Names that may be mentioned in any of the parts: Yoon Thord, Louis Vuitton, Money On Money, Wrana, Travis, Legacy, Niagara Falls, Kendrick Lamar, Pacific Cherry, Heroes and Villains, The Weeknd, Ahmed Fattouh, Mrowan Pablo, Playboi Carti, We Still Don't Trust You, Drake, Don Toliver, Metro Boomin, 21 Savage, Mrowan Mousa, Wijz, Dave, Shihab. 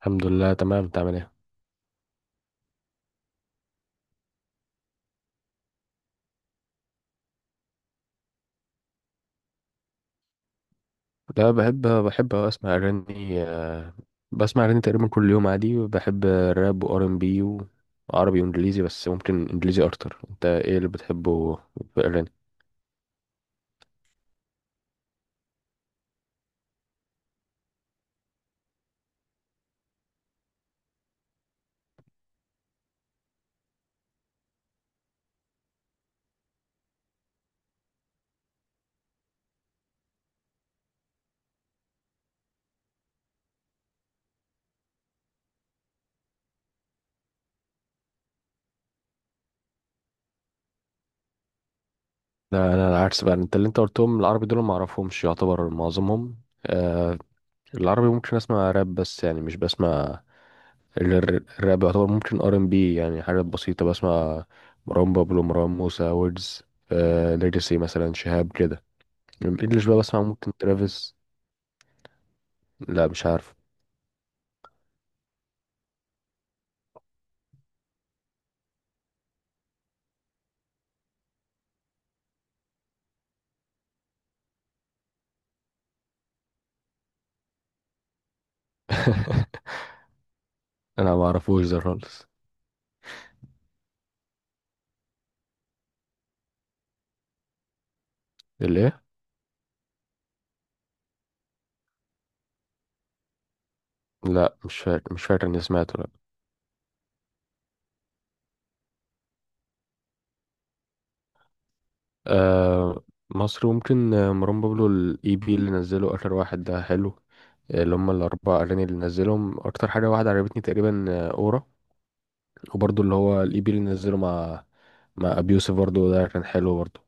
الحمد لله تمام. تعمل ايه؟ لا بحب. بحب اسمع اغاني، بسمع اغاني تقريبا كل يوم عادي. بحب راب وار ام بي، وعربي وانجليزي، بس ممكن انجليزي اكتر. انت ايه اللي بتحبه في الاغاني؟ لا انا العكس بقى. انت اللي انت قلتهم العربي دول ما اعرفهمش يعتبر معظمهم. العربي ممكن اسمع راب، بس يعني مش بسمع الراب يعتبر. ممكن ار ام بي، يعني حاجات بسيطة بسمع، مروان بابلو، مروان موسى، ويجز، ليجاسي مثلا، شهاب كده. الانجليش بقى بسمع ممكن ترافيس. لا مش عارف. انا ما اعرفوش ده خالص. الايه؟ لا مش فاكر. مش فاكر اني سمعته، لا. آه مصر ممكن، مروان بابلو. الاي بي اللي نزله اخر واحد ده حلو، اللي هم الاربع اغاني اللي نزلهم. اكتر حاجه واحده عجبتني تقريبا، اورا. وبرضه اللي هو الاي بي اللي نزله مع مع ابي يوسف، برضه ده كان حلو برضه.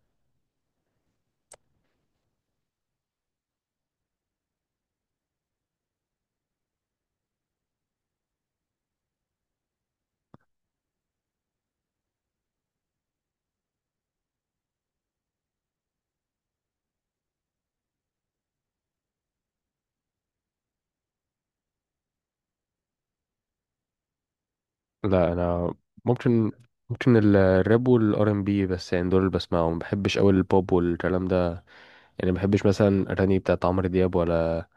لا انا ممكن، ممكن الراب والار ام بي، بس يعني دول اللي بسمعهم. ما بحبش قوي البوب والكلام ده. يعني ما بحبش مثلا اغاني بتاعت عمرو دياب،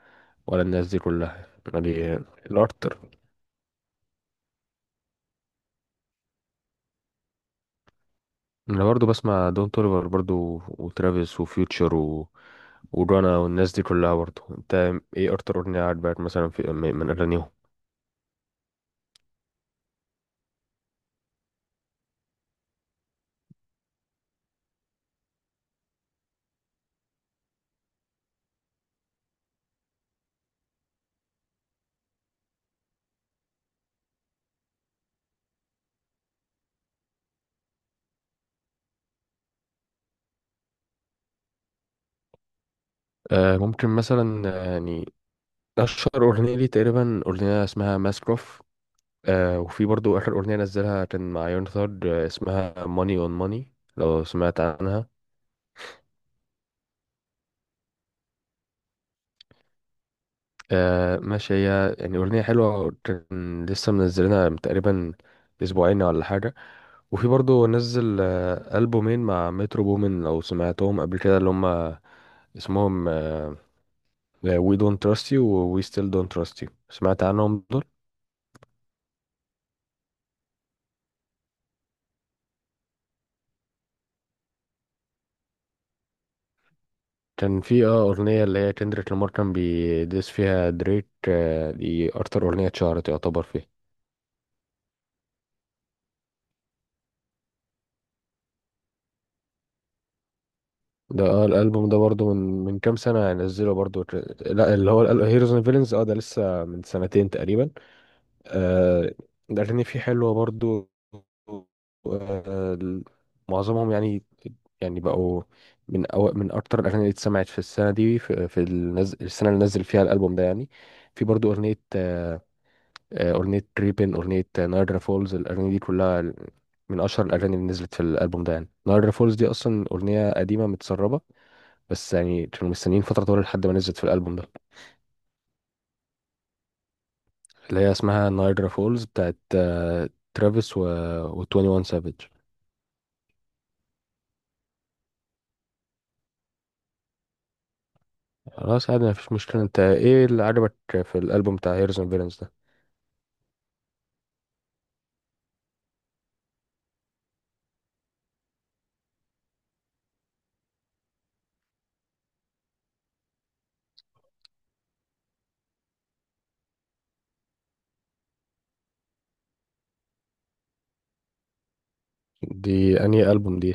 ولا الناس دي كلها. يعني الاكتر. انا برضو بسمع دون توليفر برضو، وترافيس، وفيوتشر، ورانا، والناس دي كلها برضو. انت ايه اكتر اغنيه عجبك مثلا في من اغانيهم؟ آه ممكن مثلا، اشهر اغنيه لي تقريبا اغنيه اسمها ماسكروف. آه، وفي برضو اخر اغنيه نزلها كان مع يون ثورد، اسمها ماني اون ماني، لو سمعت عنها. آه ماشي، هي يعني أغنية حلوة. كان لسه منزلينها من تقريبا أسبوعين ولا حاجة. وفي برضو نزل ألبومين مع مترو بومن، لو سمعتهم قبل كده، اللي هما اسمهم We Don't Trust You و We Still Don't Trust You. سمعت عنهم دول؟ كان في أغنية اللي هي كندريك لامار كان بيدس فيها دريك، آه دي أكتر أغنية اتشهرت يعتبر فيه. ده الألبوم ده برضو من كام سنة نزله برضو. لا اللي هو هيروز اند فيلنز، اه ده لسه من سنتين تقريبا. آه، الأغاني فيه حلوة برضو، آه، معظمهم يعني. يعني بقوا من من أكتر الأغاني اللي اتسمعت في السنة دي، السنة اللي نزل فيها الألبوم ده يعني. في برضو أغنية، أغنية ريبن، أغنية نايجرا فولز. الأغاني دي كلها من أشهر الأغاني اللي نزلت في الألبوم ده يعني. نايجرا فولز دي أصلا أغنية قديمة متسربة، بس يعني كانوا مستنيين فترة طويلة لحد ما نزلت في الألبوم ده. اللي هي اسمها نايجرا فولز، بتاعت ترافيس و 21 سافيج. خلاص عادي مفيش مشكلة. انت ايه اللي عجبك في الألبوم بتاع هيرز اند فيلنز ده؟ دي انهي ألبوم دي؟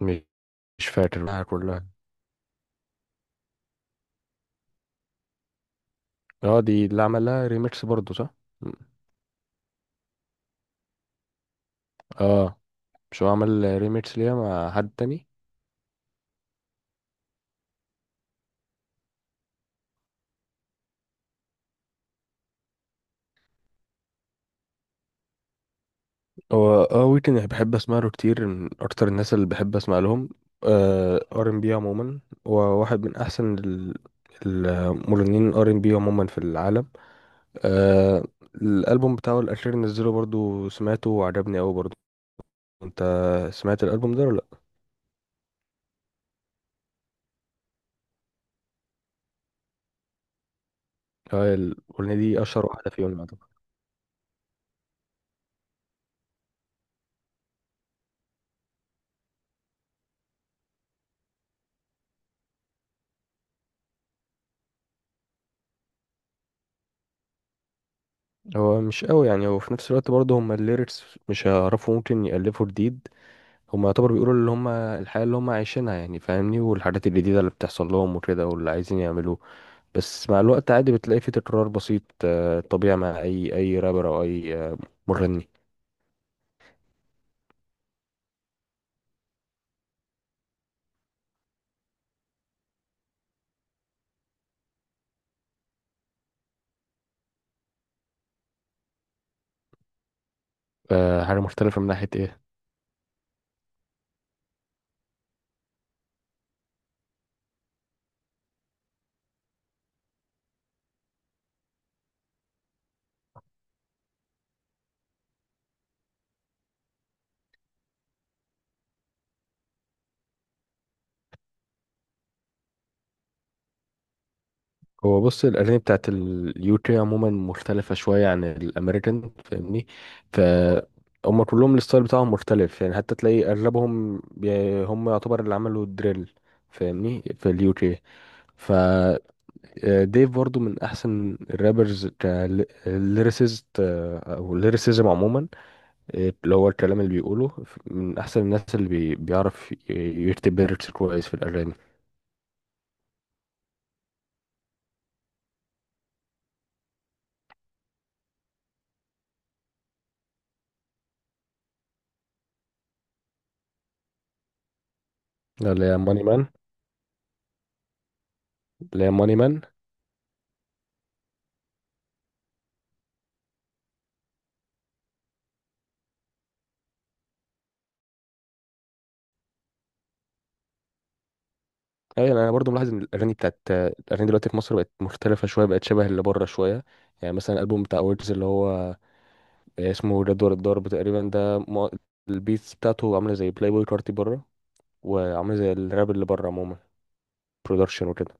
م- مش فاكر بقى كلها. اه دي اللي عملها ريميكس برضه صح؟ م. اه مش هو عمل ريميكس ليها مع حد تاني. هو اه ويكند أنا بحب اسمع له كتير، من اكتر الناس اللي بحب اسمع لهم ار ام بي عموما. هو واحد من احسن المغنيين الار ام بي عموما في العالم. آه الالبوم بتاعه الاخير نزله برضو، سمعته وعجبني قوي برضو. انت سمعت الالبوم ده ولا لا؟ اه الاغنيه دي اشهر واحده فيهم يعتبر. هو مش قوي يعني، هو في نفس الوقت برضه هم الليركس مش هيعرفوا ممكن يالفوا جديد. هم يعتبر بيقولوا اللي هم الحياه اللي هم عايشينها، يعني فاهمني، والحاجات الجديده اللي بتحصل لهم وكده، واللي عايزين يعملوه. بس مع الوقت عادي بتلاقي في تكرار بسيط، آه، طبيعي مع اي رابر او اي، مغني. آه، حاجه مختلفه من ناحيه ايه؟ هو بص الأغاني بتاعت اليوكي عموما مختلفة شوية عن الأمريكان، فاهمني؟ ف هما كلهم الستايل بتاعهم مختلف، يعني حتى تلاقي أغلبهم هم يعتبر اللي عملوا الدريل فاهمني في اليوكي. ف آه، ديف برضو من أحسن الرابرز كليريسيست أو ليريسيزم عموما، آه، اللي هو الكلام اللي بيقوله. من أحسن الناس اللي بيعرف يكتب ليركس كويس في الأغاني. لا، اللي هي ماني مان. اللي هي ماني مان. ايوه يعني انا برضو ملاحظ ان الاغاني دلوقتي في مصر بقت مختلفه شويه، بقت شبه اللي بره شويه. يعني مثلا الالبوم بتاع ويجز اللي هو، اسمه جدول الضرب تقريبا، ده البيتس بتاعته عامله زي بلاي بوي كارتي بره، وعامله زي الراب اللي بره عموما، برودكشن وكده.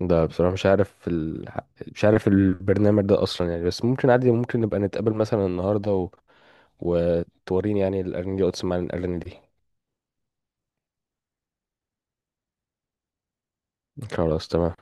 ده بصراحه مش عارف مش عارف البرنامج ده اصلا يعني. بس ممكن عادي، ممكن نبقى نتقابل مثلا النهارده وتوريني يعني الاغاني دي وتسمعني الاغاني دي. خلاص تمام.